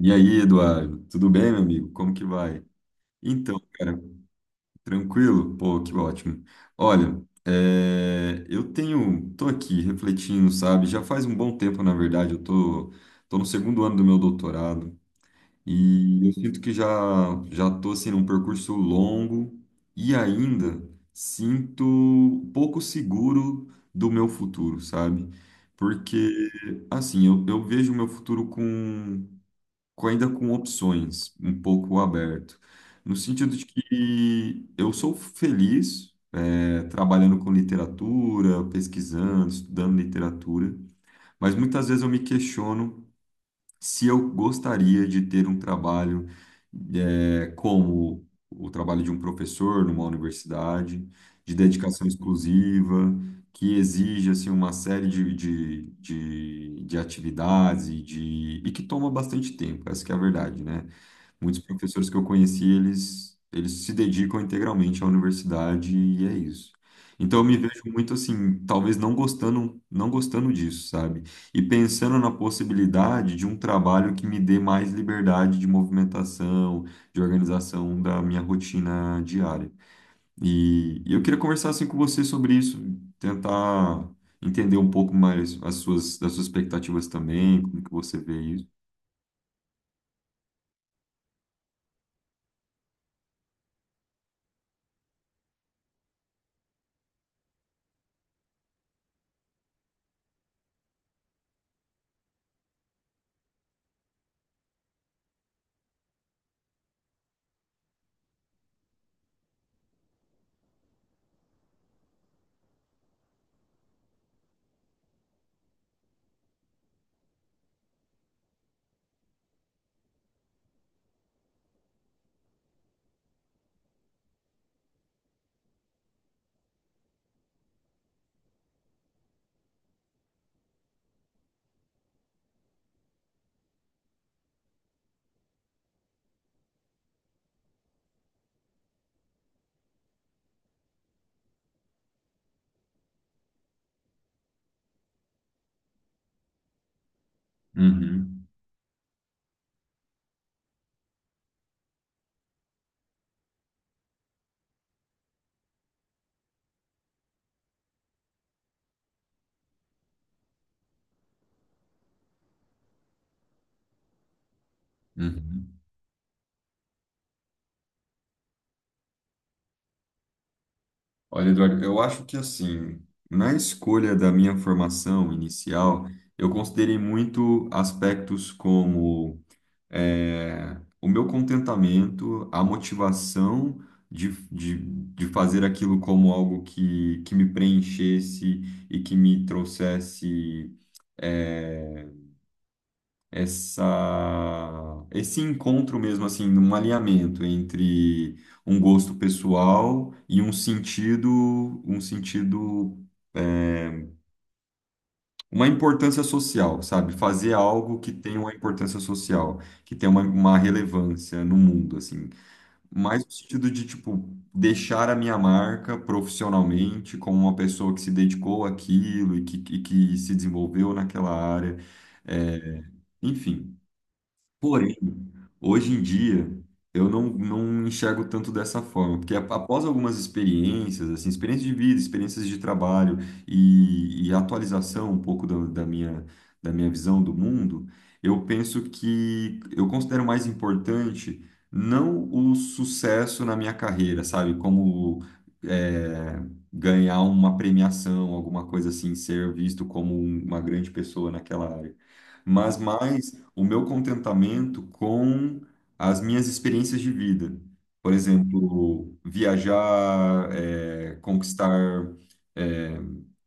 E aí, Eduardo, tudo bem, meu amigo? Como que vai? Então, cara, tranquilo? Pô, que ótimo. Olha, tô aqui refletindo, sabe? Já faz um bom tempo, na verdade, eu tô no segundo ano do meu doutorado, e eu sinto que já tô, assim, num percurso longo e ainda sinto pouco seguro do meu futuro, sabe? Porque, assim, eu vejo o meu futuro ainda com opções, um pouco aberto, no sentido de que eu sou feliz trabalhando com literatura, pesquisando, estudando literatura, mas muitas vezes eu me questiono se eu gostaria de ter um trabalho como o trabalho de um professor numa universidade, de dedicação exclusiva, que exige, assim, uma série de atividades e que toma bastante tempo, essa que é a verdade, né? Muitos professores que eu conheci, eles se dedicam integralmente à universidade, e é isso. Então eu me vejo muito assim, talvez não gostando, não gostando disso, sabe? E pensando na possibilidade de um trabalho que me dê mais liberdade de movimentação, de organização da minha rotina diária. E eu queria conversar assim com você sobre isso, tentar entender um pouco mais as suas, expectativas também, como que você vê isso. Uhum, uhum. Olha, Eduardo, eu acho que, assim, na escolha da minha formação inicial, eu considerei muito aspectos como o meu contentamento, a motivação de fazer aquilo como algo que me preenchesse e que me trouxesse, é, essa esse encontro mesmo, assim, num alinhamento entre um gosto pessoal e um sentido é, uma importância social, sabe? Fazer algo que tenha uma importância social, que tenha uma relevância no mundo, assim. Mais no sentido de, tipo, deixar a minha marca profissionalmente como uma pessoa que se dedicou àquilo e que se desenvolveu naquela área. É, Enfim. Porém, hoje em dia, eu não, não enxergo tanto dessa forma, porque após algumas experiências, assim, experiências de vida, experiências de trabalho e atualização um pouco da, da minha, visão do mundo. Eu penso que eu considero mais importante não o sucesso na minha carreira, sabe? Como, é, ganhar uma premiação, alguma coisa assim, ser visto como uma grande pessoa naquela área. Mas mais o meu contentamento com as minhas experiências de vida. Por exemplo, viajar, conquistar, eh,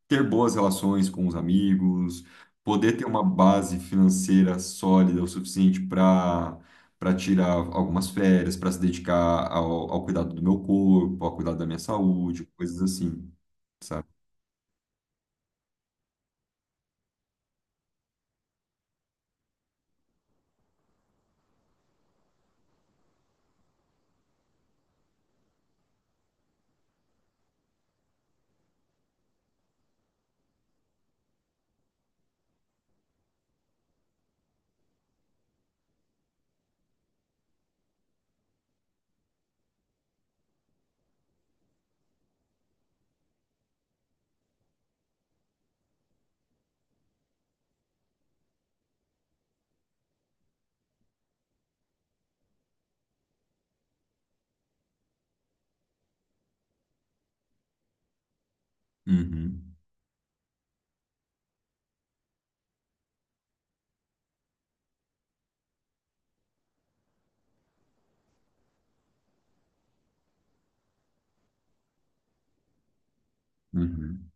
ter boas relações com os amigos, poder ter uma base financeira sólida o suficiente para tirar algumas férias, para se dedicar ao cuidado do meu corpo, ao cuidado da minha saúde, coisas assim, sabe? Uhum, uhum,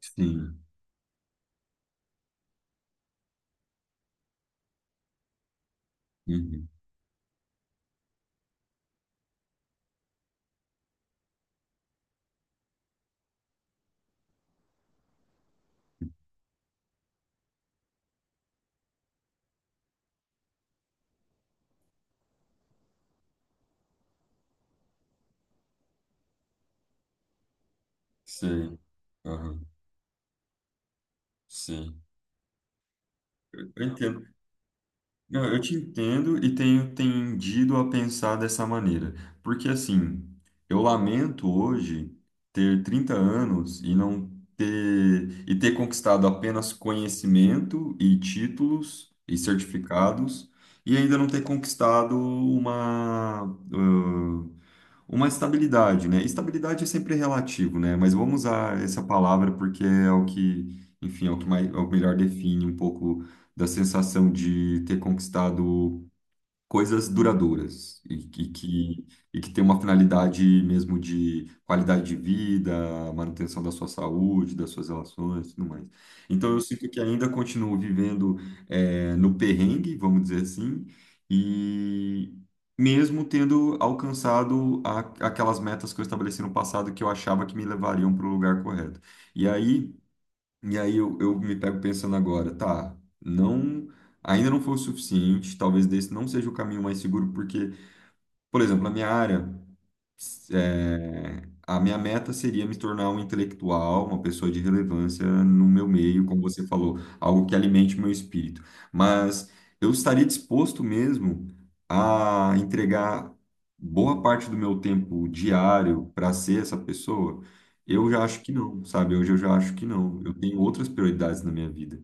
sim, uhum, sei, aham, sim. Eu entendo. Eu te entendo e tenho tendido a pensar dessa maneira, porque, assim, eu lamento hoje ter 30 anos e não ter e ter conquistado apenas conhecimento e títulos e certificados e ainda não ter conquistado uma, ãh, uma estabilidade, né? Estabilidade é sempre relativo, né? Mas vamos usar essa palavra porque é o que, enfim, é o que melhor define um pouco da sensação de ter conquistado coisas duradouras e, e que tem uma finalidade mesmo de qualidade de vida, manutenção da sua saúde, das suas relações e tudo mais. Então eu sinto que ainda continuo vivendo, no perrengue, vamos dizer assim, e mesmo tendo alcançado aquelas metas que eu estabeleci no passado, que eu achava que me levariam para o lugar correto. E aí e aí eu me pego pensando agora, tá, não, ainda não foi o suficiente, talvez desse não seja o caminho mais seguro, porque, por exemplo, na minha área. É, a minha meta seria me tornar um intelectual, uma pessoa de relevância no meu meio, como você falou, algo que alimente o meu espírito. Mas eu estaria disposto mesmo a entregar boa parte do meu tempo diário para ser essa pessoa? Eu já acho que não, sabe? Hoje eu já acho que não. Eu tenho outras prioridades na minha vida.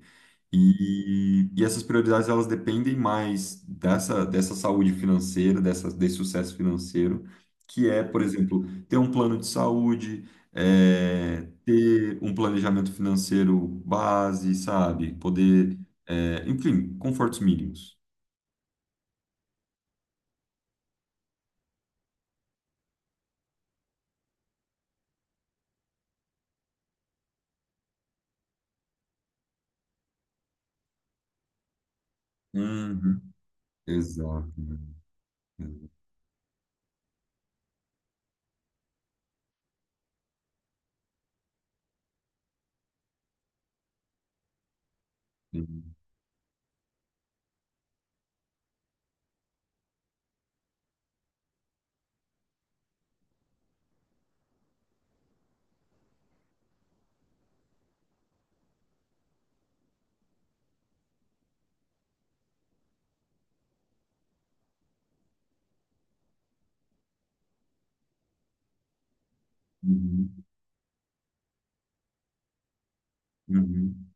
E essas prioridades, elas dependem mais dessa, saúde financeira, desse sucesso financeiro, que é, por exemplo, ter um plano de saúde, ter um planejamento financeiro base, sabe? Poder, enfim, confortos mínimos. Uhum. Exato. Exato. Uhum. Uhum.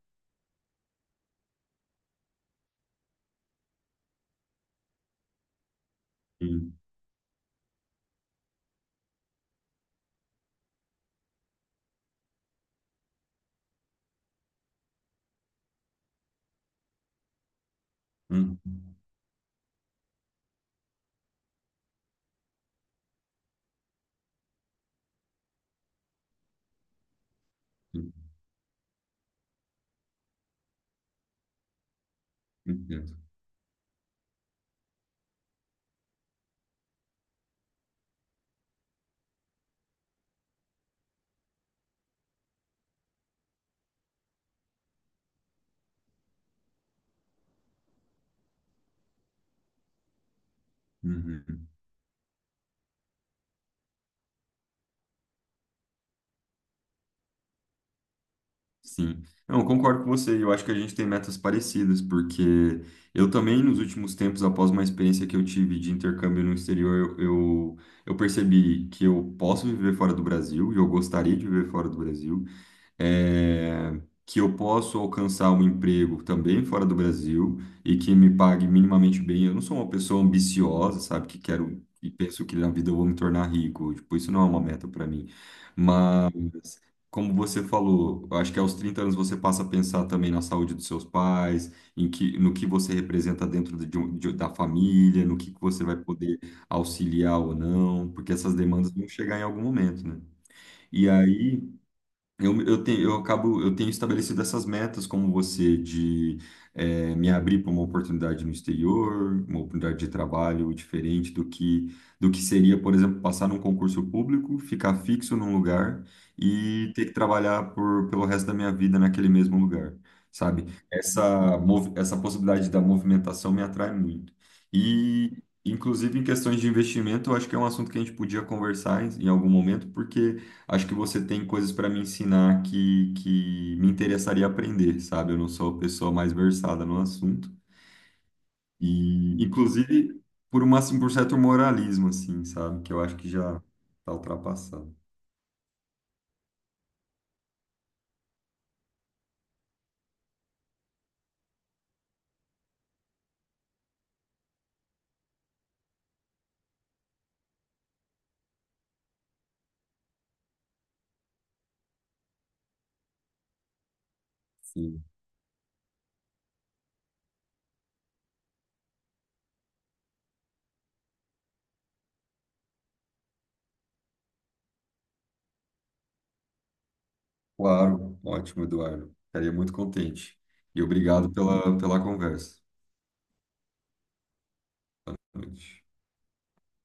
Sim. Uhum. Sim. Entendo. Uhum. Sim, não, eu concordo com você. Eu acho que a gente tem metas parecidas, porque eu também, nos últimos tempos, após uma experiência que eu tive de intercâmbio no exterior, eu, eu percebi que eu posso viver fora do Brasil, e eu gostaria de viver fora do Brasil, é, que eu posso alcançar um emprego também fora do Brasil e que me pague minimamente bem. Eu não sou uma pessoa ambiciosa, sabe, que quero e penso que na vida eu vou me tornar rico. Tipo, isso não é uma meta para mim. Como você falou, eu acho que aos 30 anos você passa a pensar também na saúde dos seus pais, em que, no que você representa dentro da família, no que você vai poder auxiliar ou não, porque essas demandas vão chegar em algum momento, né? E aí eu tenho estabelecido essas metas, como você, de me abrir para uma oportunidade no exterior, uma oportunidade de trabalho diferente do que, seria, por exemplo, passar num concurso público, ficar fixo num lugar e ter que trabalhar pelo resto da minha vida naquele mesmo lugar, sabe? Essa possibilidade da movimentação me atrai muito. E, inclusive, em questões de investimento, eu acho que é um assunto que a gente podia conversar em algum momento, porque acho que você tem coisas para me ensinar que me interessaria aprender, sabe? Eu não sou a pessoa mais versada no assunto. E, inclusive, por certo moralismo, assim, sabe? Que eu acho que já está ultrapassado. Sim. Claro. Ótimo, Eduardo. Ficaria muito contente. E obrigado pela conversa. Boa noite.